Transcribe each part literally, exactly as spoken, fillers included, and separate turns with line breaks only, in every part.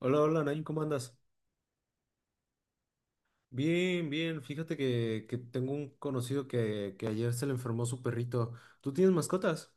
Hola, hola, Nain, ¿cómo andas? Bien, bien. Fíjate que, que tengo un conocido que, que ayer se le enfermó su perrito. ¿Tú tienes mascotas?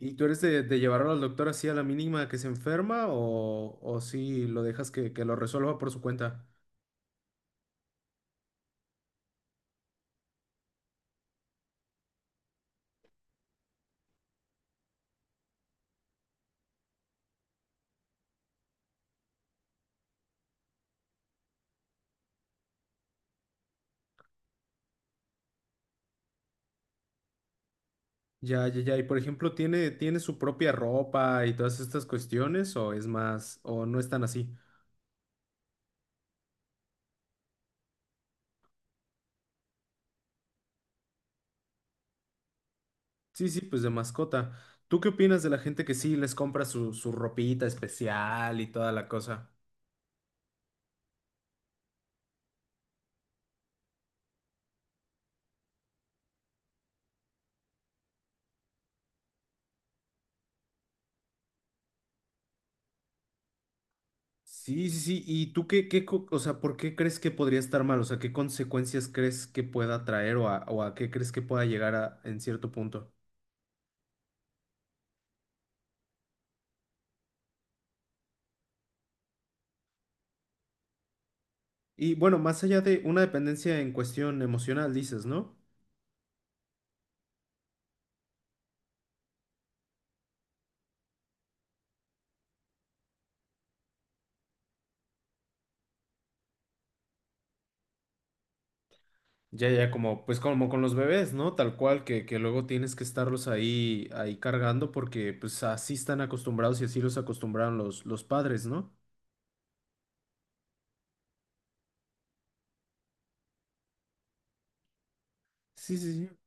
¿Y tú eres de, de llevarlo al doctor así a la mínima que se enferma o, o si lo dejas que, que lo resuelva por su cuenta? Ya, ya, ya. Y por ejemplo, ¿tiene, tiene su propia ropa y todas estas cuestiones o es más, o no es tan así? Sí, sí, pues de mascota. ¿Tú qué opinas de la gente que sí les compra su, su ropita especial y toda la cosa? Sí, sí, sí. ¿Y tú qué, qué, co- o sea, por qué crees que podría estar mal? O sea, ¿qué consecuencias crees que pueda traer o a, o a qué crees que pueda llegar a, en cierto punto? Y bueno, más allá de una dependencia en cuestión emocional, dices, ¿no? Ya, ya, como, pues como con los bebés, ¿no? Tal cual, que, que luego tienes que estarlos ahí, ahí cargando porque pues así están acostumbrados y así los acostumbraron los, los padres, ¿no? Sí, sí, sí.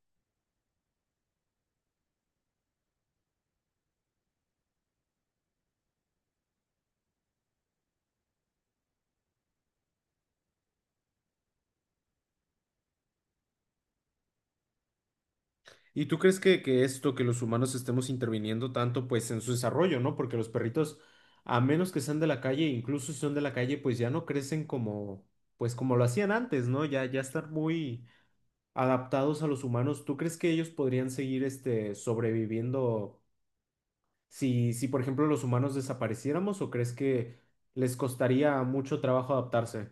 ¿Y tú crees que, que esto, que los humanos estemos interviniendo tanto, pues en su desarrollo, ¿no? Porque los perritos, a menos que sean de la calle, incluso si son de la calle, pues ya no crecen como, pues como lo hacían antes, ¿no? Ya, ya están muy adaptados a los humanos. ¿Tú crees que ellos podrían seguir, este, sobreviviendo si, si, por ejemplo, los humanos desapareciéramos o crees que les costaría mucho trabajo adaptarse?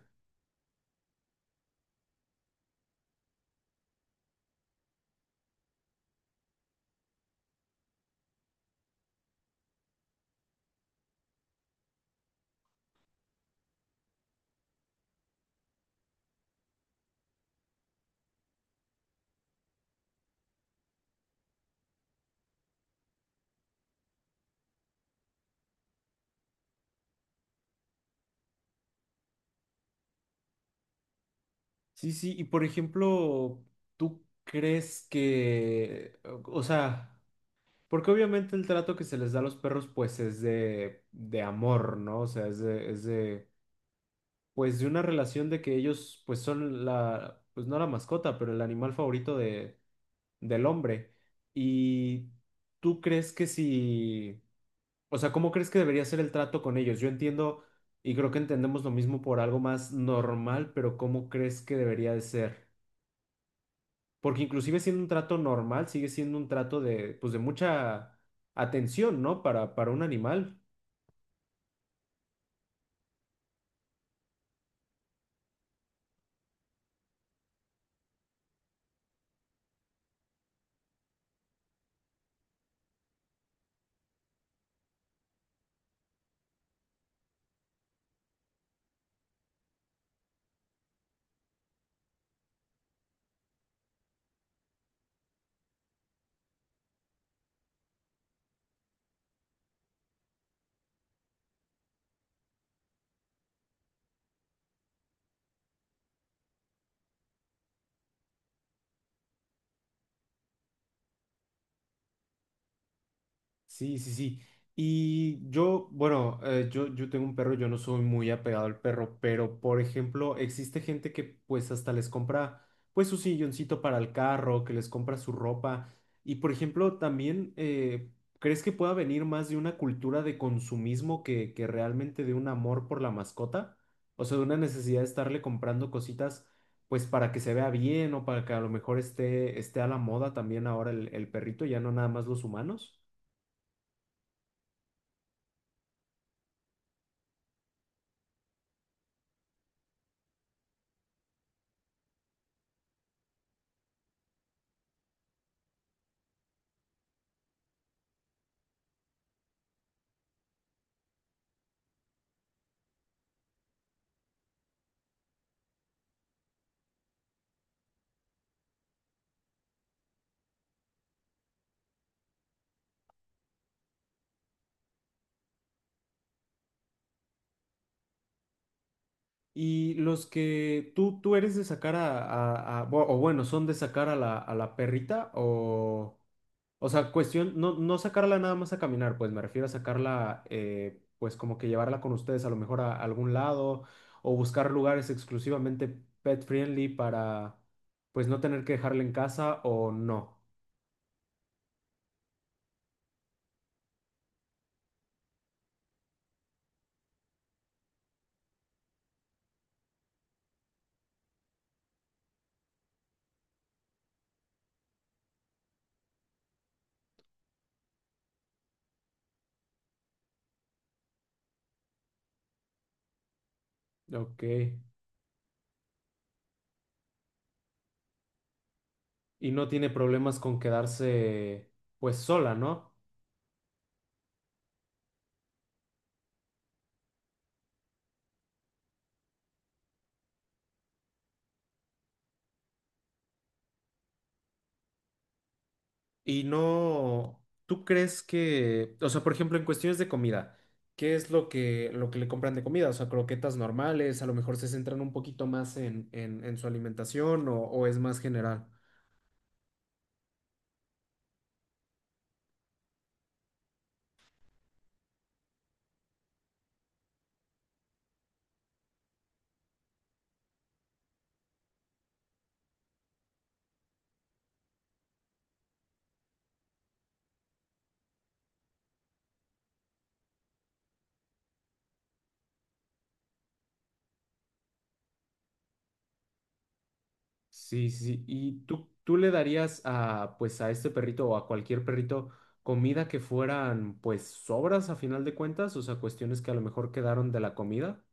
Sí, sí, y por ejemplo, ¿tú crees que, o o sea... Porque obviamente el trato que se les da a los perros, pues es de, de amor, ¿no? O sea, es de, es de, pues de una relación de que ellos, pues son la, pues no la mascota, pero el animal favorito de, del hombre. Y tú crees que si, o sea, ¿cómo crees que debería ser el trato con ellos? Yo entiendo y creo que entendemos lo mismo por algo más normal, pero ¿cómo crees que debería de ser? Porque inclusive siendo un trato normal, sigue siendo un trato de, pues, de mucha atención, ¿no? Para, para un animal. Sí, sí, sí. Y yo, bueno, eh, yo, yo tengo un perro, yo no soy muy apegado al perro, pero por ejemplo, existe gente que pues hasta les compra pues su silloncito para el carro, que les compra su ropa. Y por ejemplo, también, eh, ¿crees que pueda venir más de una cultura de consumismo que, que realmente de un amor por la mascota? O sea, de una necesidad de estarle comprando cositas pues para que se vea bien o para que a lo mejor esté, esté a la moda también ahora el, el perrito, ya no nada más los humanos. Y los que tú, tú eres de sacar a, a- a- bu- o bueno, son de sacar a la, a la perrita o, o sea, cuestión, no, no sacarla nada más a caminar, pues me refiero a sacarla, eh, pues como que llevarla con ustedes a lo mejor a, algún lado o buscar lugares exclusivamente pet friendly para, pues no tener que dejarla en casa o no. Ok. Y no tiene problemas con quedarse, pues sola, ¿no? Y no, ¿tú crees que, o sea, por ejemplo, en cuestiones de comida, ¿qué es lo que, lo que le compran de comida? O sea, croquetas normales, a lo mejor se centran un poquito más en, en, en su alimentación o, o es más general. Sí, sí. ¿Y tú, tú le darías a, pues, a este perrito o a cualquier perrito comida que fueran, pues, sobras a final de cuentas? O sea, cuestiones que a lo mejor quedaron de la comida.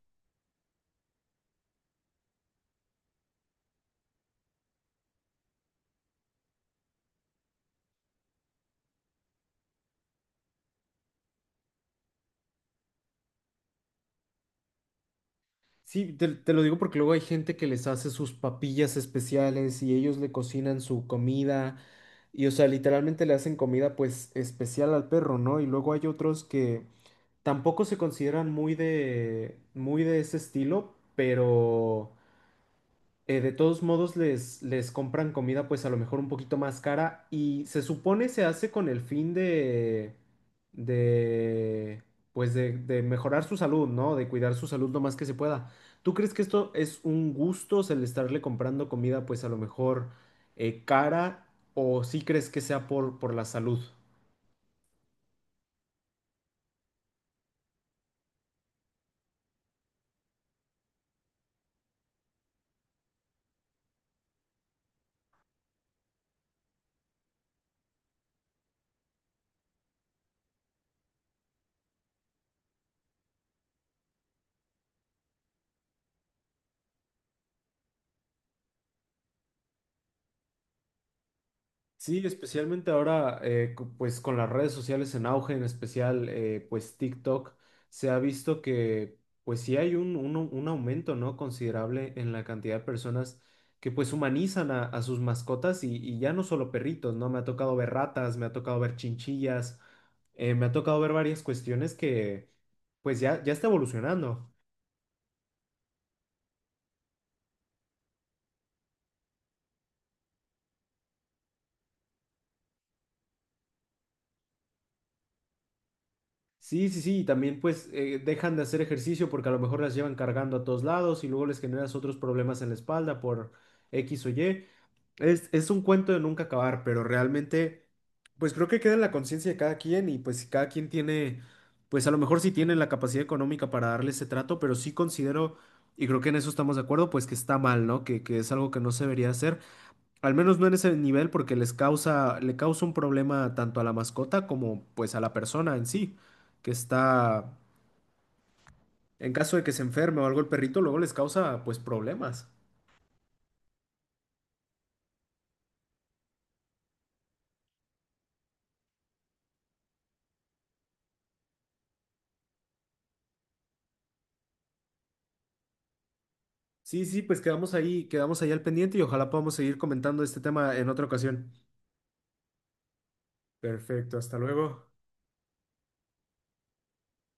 Sí, te, te lo digo porque luego hay gente que les hace sus papillas especiales y ellos le cocinan su comida y, o sea, literalmente le hacen comida pues especial al perro, ¿no? Y luego hay otros que tampoco se consideran muy de, muy de ese estilo, pero eh, de todos modos les, les compran comida pues a lo mejor un poquito más cara y se supone se hace con el fin de, de pues de, de mejorar su salud, ¿no? De cuidar su salud lo más que se pueda. ¿Tú crees que esto es un gusto, o sea, el estarle comprando comida pues a lo mejor eh, cara o sí crees que sea por, por la salud? Sí, especialmente ahora, eh, co- pues con las redes sociales en auge, en especial, eh, pues TikTok, se ha visto que, pues sí hay un, un un aumento, ¿no? Considerable en la cantidad de personas que pues humanizan a, a sus mascotas y, y ya no solo perritos, ¿no? Me ha tocado ver ratas, me ha tocado ver chinchillas, eh, me ha tocado ver varias cuestiones que, pues ya, ya está evolucionando. Sí, sí, sí, y también pues eh, dejan de hacer ejercicio porque a lo mejor las llevan cargando a todos lados y luego les generas otros problemas en la espalda por X o Y. Es, es un cuento de nunca acabar, pero realmente pues creo que queda en la conciencia de cada quien y pues si cada quien tiene, pues a lo mejor sí tiene la capacidad económica para darle ese trato, pero sí considero, y creo que en eso estamos de acuerdo, pues que está mal, ¿no? Que, que es algo que no se debería hacer. Al menos no en ese nivel porque les causa, le causa un problema tanto a la mascota como pues a la persona en sí, que está, en caso de que se enferme o algo el perrito, luego les causa pues problemas. Sí, sí, pues quedamos ahí, quedamos ahí al pendiente y ojalá podamos seguir comentando este tema en otra ocasión. Perfecto, hasta luego.